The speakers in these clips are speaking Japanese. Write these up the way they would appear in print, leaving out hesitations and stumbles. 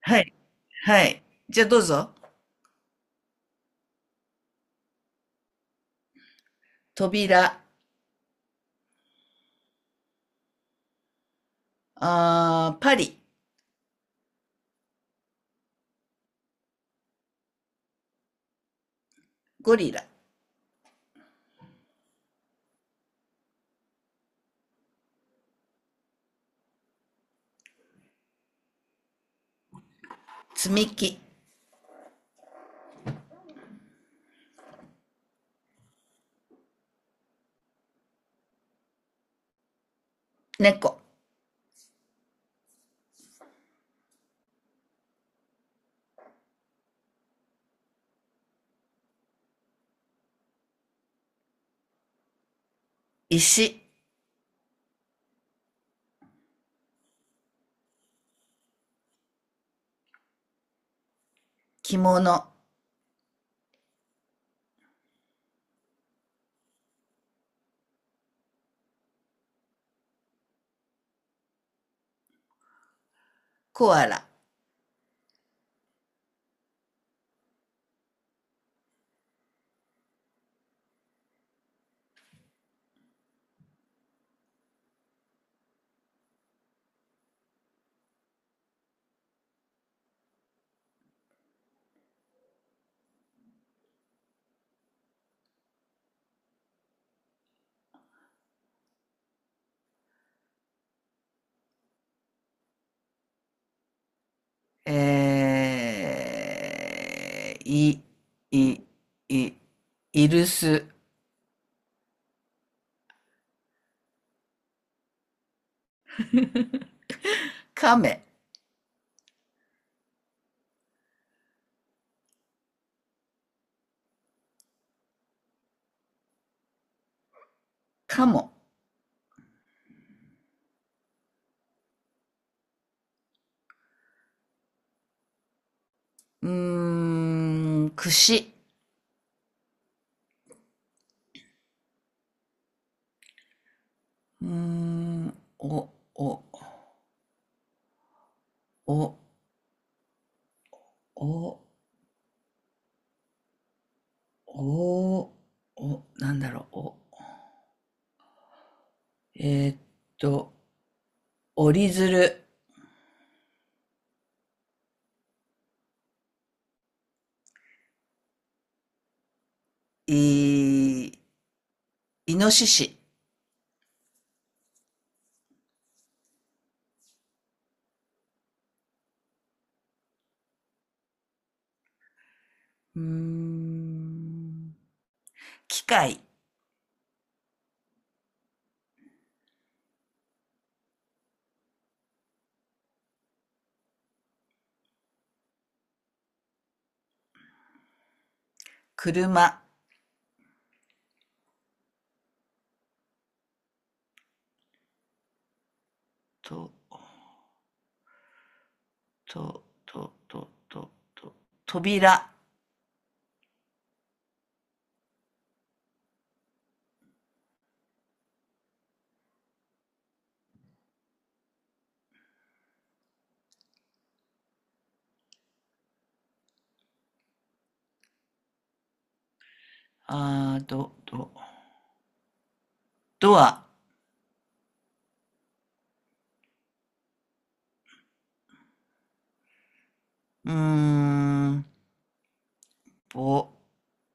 はい。はい。じゃあどうぞ。扉、パリ、ゴリラ、積み木、猫、石、着物、コアラ、えー、い、い、い、イルス、カメ、カモ、うーん、串、うーん、お、お、お、お、お、お、なんだろう、お、えーっと、折り鶴、イノシシ、うーん。機械、車、と、と、と、と、と、と、扉、あー、ど、ど、ドア、うーん、ぼ、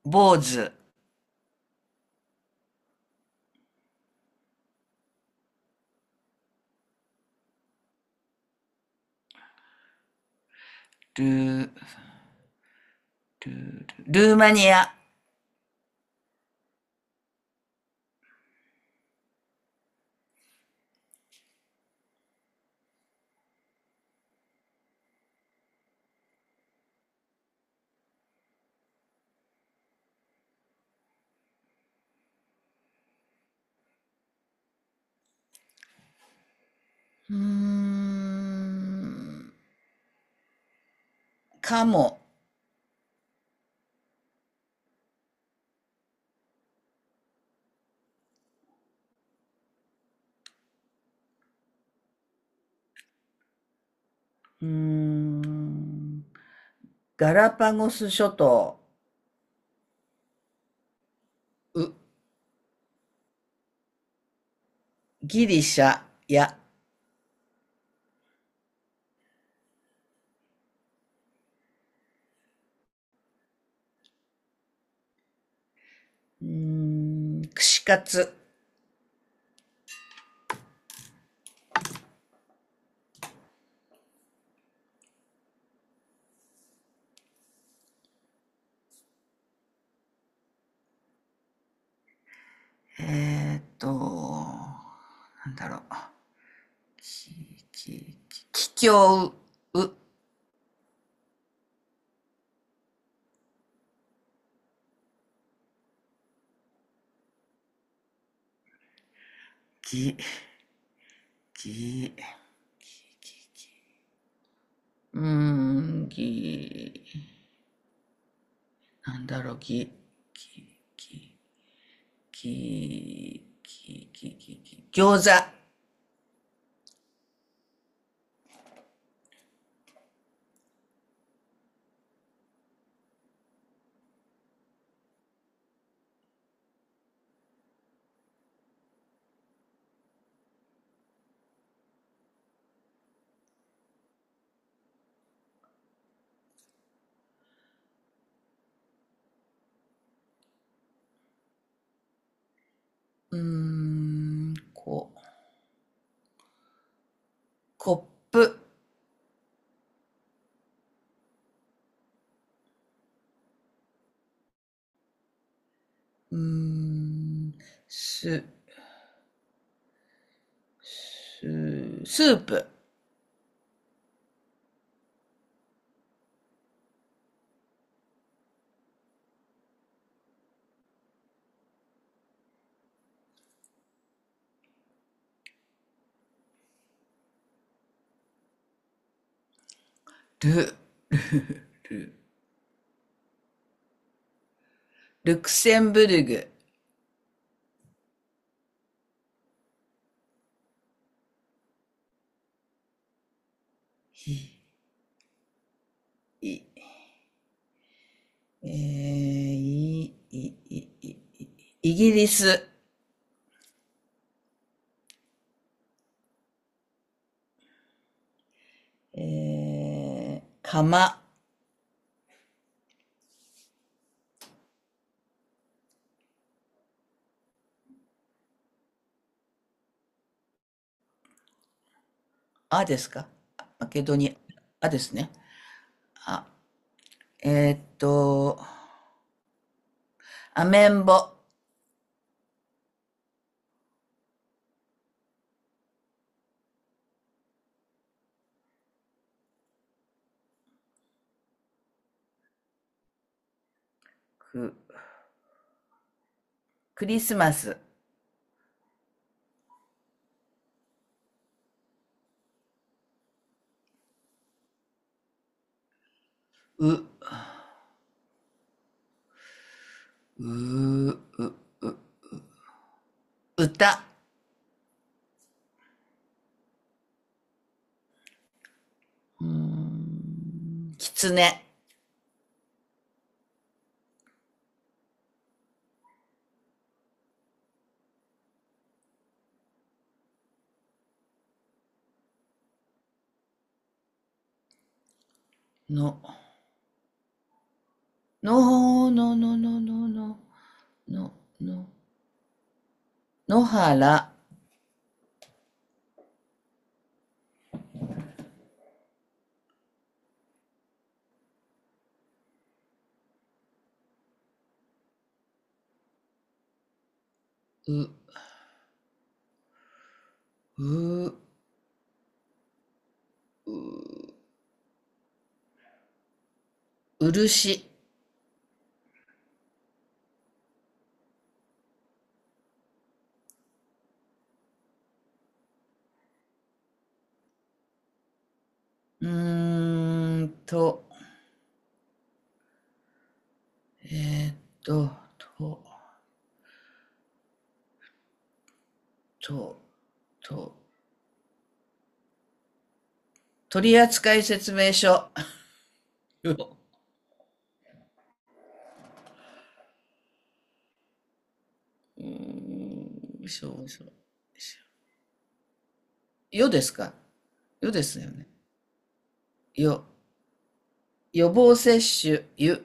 坊主、ルー、ルー、ルルーマニア、うーん。カモ、うーん。ガラパゴス諸島、う、ギリシャや。うーん、串カツ。なんだろう。き、き、き、きょう、う、ぎ、ぎ、ぎ、ぎうーん、なんだろう、ぎ、ぎ、ぎ、ぎ、ぎ、ぎ、ぎ、餃子。うーん、コップ。うーん、す、スープ。ル、ル、ル。ルクセンブルグ、い、えー、い、い、い、イギリス、えー、かま、あですか？マケドニア、あですね。あ、えーっと、アメンボ、く、クリスマス、う、う、う、歌、うーん、キツネ、の、の、の、の、の、の、の、の、の、原、う、う、漆。うーんと、と、と、と、と、取扱説明書。よ。うーん、しょ、しょ、しょ。よですか？よですよね。よ。予防接種、ゆ。